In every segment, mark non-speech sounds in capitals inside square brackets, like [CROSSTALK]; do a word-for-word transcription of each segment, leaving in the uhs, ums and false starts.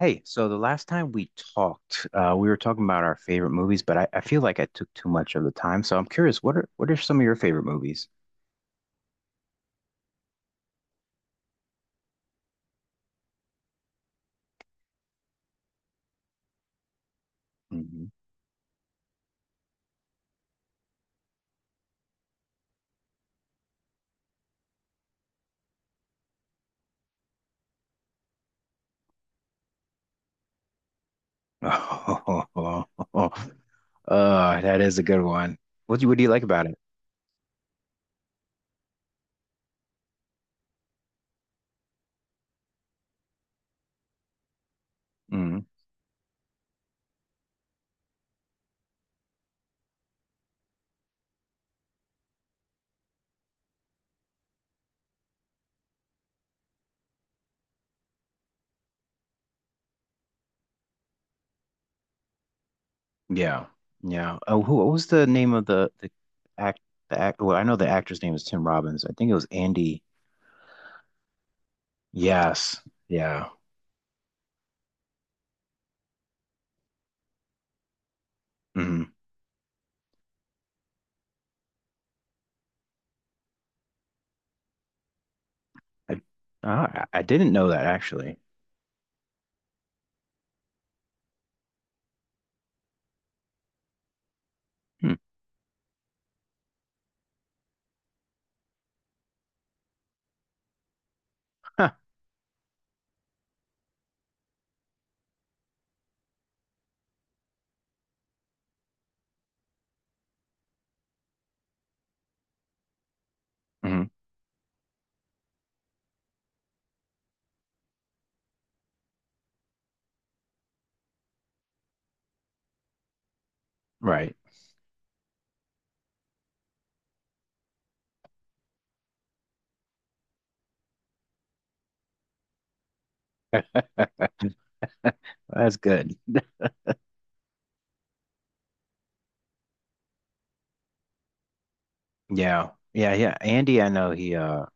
Hey, so the last time we talked, uh, we were talking about our favorite movies, but I, I feel like I took too much of the time. So I'm curious, what are what are some of your favorite movies? Hmm. [LAUGHS] Oh, that is a good one. What do you, what do you like about it? Hmm. Yeah, yeah. Oh, who, what was the name of the the act the act? Well, I know the actor's name is Tim Robbins. I think it was Andy. Yes, yeah. Hmm. I, ah, I I didn't know that actually. Hmm. Huh. Mhm. Right. [LAUGHS] That's good. Yeah. Yeah, yeah. Andy, I know he uh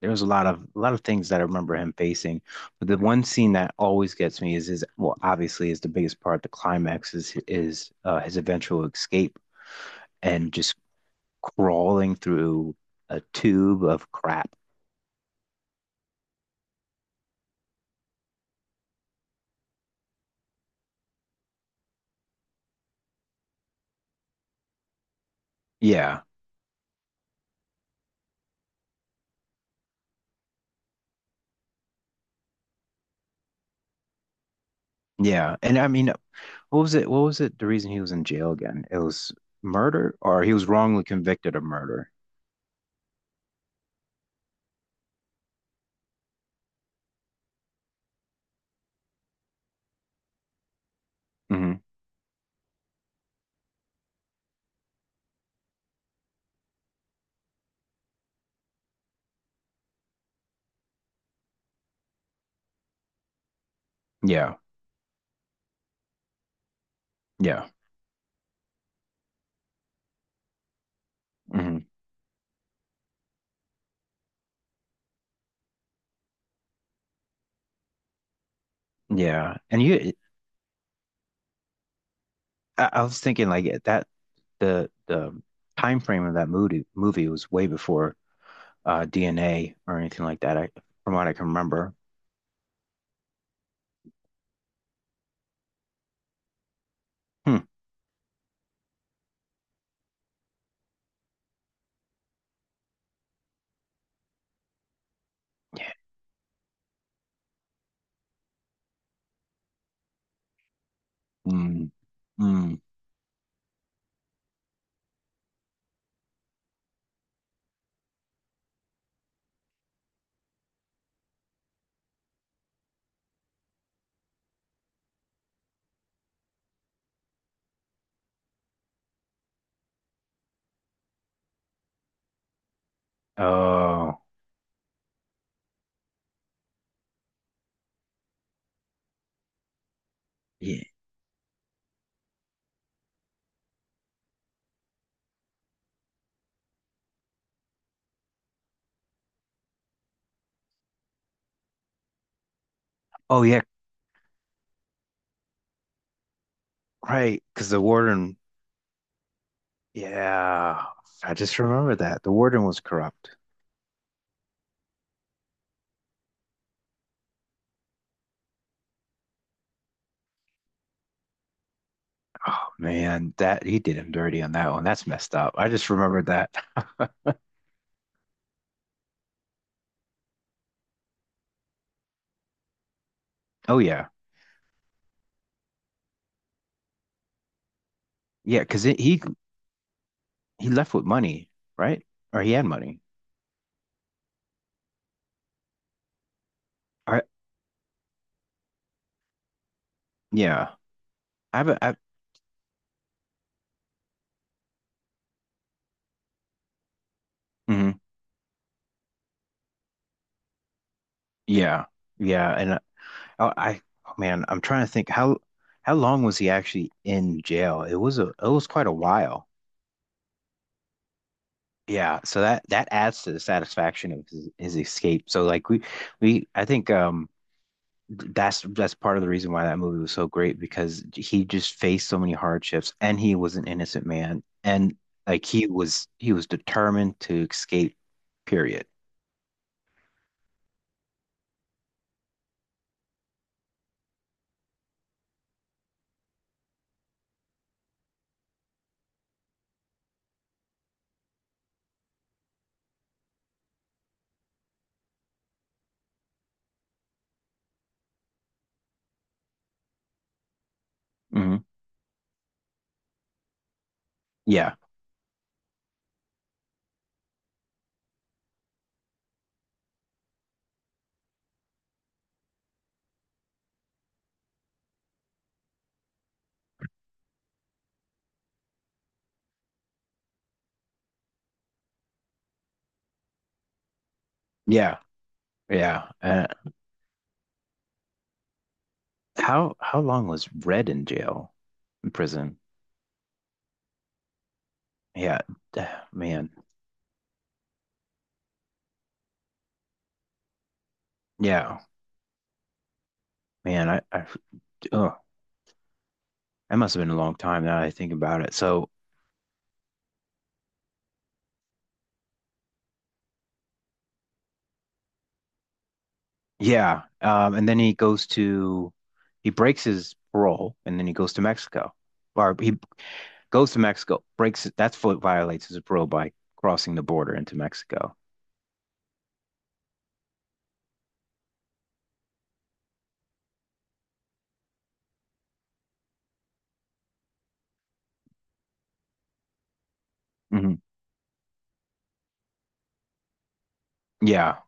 there was a lot of a lot of things that I remember him facing. But the one scene that always gets me is his well, obviously is the biggest part, the climax is is uh his eventual escape and just crawling through a tube of crap. Yeah. Yeah. And I mean, what was it? What was it? The reason he was in jail again? It was murder or he was wrongly convicted of murder. Hmm. Yeah. Yeah. Hmm. Yeah. And you I, I was thinking like that the the time frame of that movie movie was way before uh, D N A or anything like that. I, from what I can remember. Hmm. Yeah. Mm, mm. Oh, yeah. Oh, yeah. Right. Because the warden. Yeah. I just remember that the warden was corrupt. Oh, man, that he did him dirty on that one. That's messed up. I just remembered that. [LAUGHS] Oh yeah, yeah. Because he he left with money, right? Or he had money. I yeah. I've I have a. Mhm. Yeah, yeah, and I, I, oh, man, I'm trying to think how how long was he actually in jail? It was a it was quite a while. Yeah, so that that adds to the satisfaction of his, his escape. So like we we I think um th- that's that's part of the reason why that movie was so great because he just faced so many hardships and he was an innocent man and like he was he was determined to escape, period. Hmm. Yeah, yeah, yeah. Uh, how how long was Red in jail? In prison. Yeah, ah, man. Yeah, man. I, I, oh, that must have been a long time now that I think about it. So, yeah. Um, and then he goes to, he breaks his parole and then he goes to Mexico. Or he goes to Mexico, breaks it. That's what violates his parole by crossing the border into Mexico. Hmm. Yeah.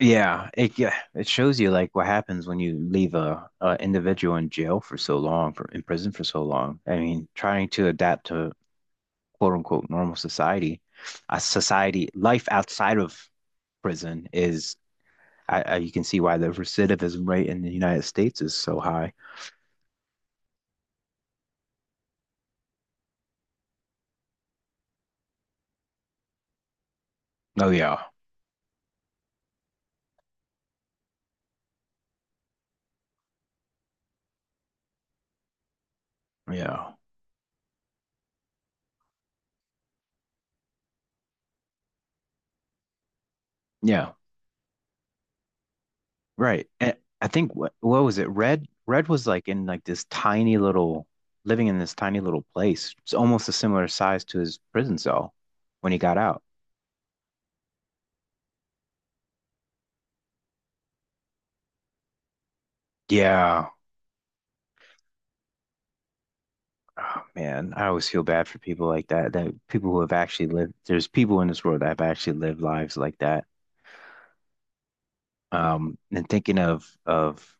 Yeah. It, yeah. It shows you like what happens when you leave a, a individual in jail for so long, for in prison for so long. I mean, trying to adapt to quote unquote normal society. A society life outside of prison is I, I, you can see why the recidivism rate in the United States is so high. Oh yeah, yeah, yeah, right. And I think what what was it? Red Red was like in like this tiny little living in this tiny little place. It's almost a similar size to his prison cell when he got out. Yeah. Oh, man, I always feel bad for people like that. That people who have actually lived, there's people in this world that have actually lived lives like that. Um, and thinking of of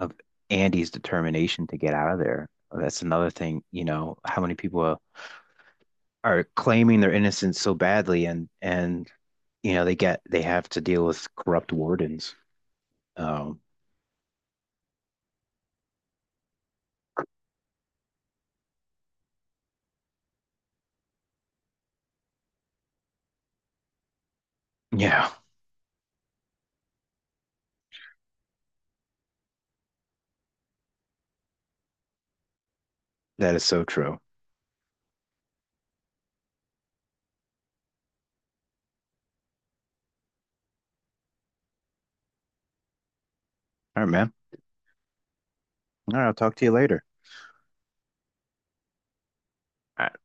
of Andy's determination to get out of there, that's another thing, you know, how many people are, are claiming their innocence so badly and and you know, they get they have to deal with corrupt wardens. Um, yeah, that is so true. All right, man. All right, I'll talk to you later. All right.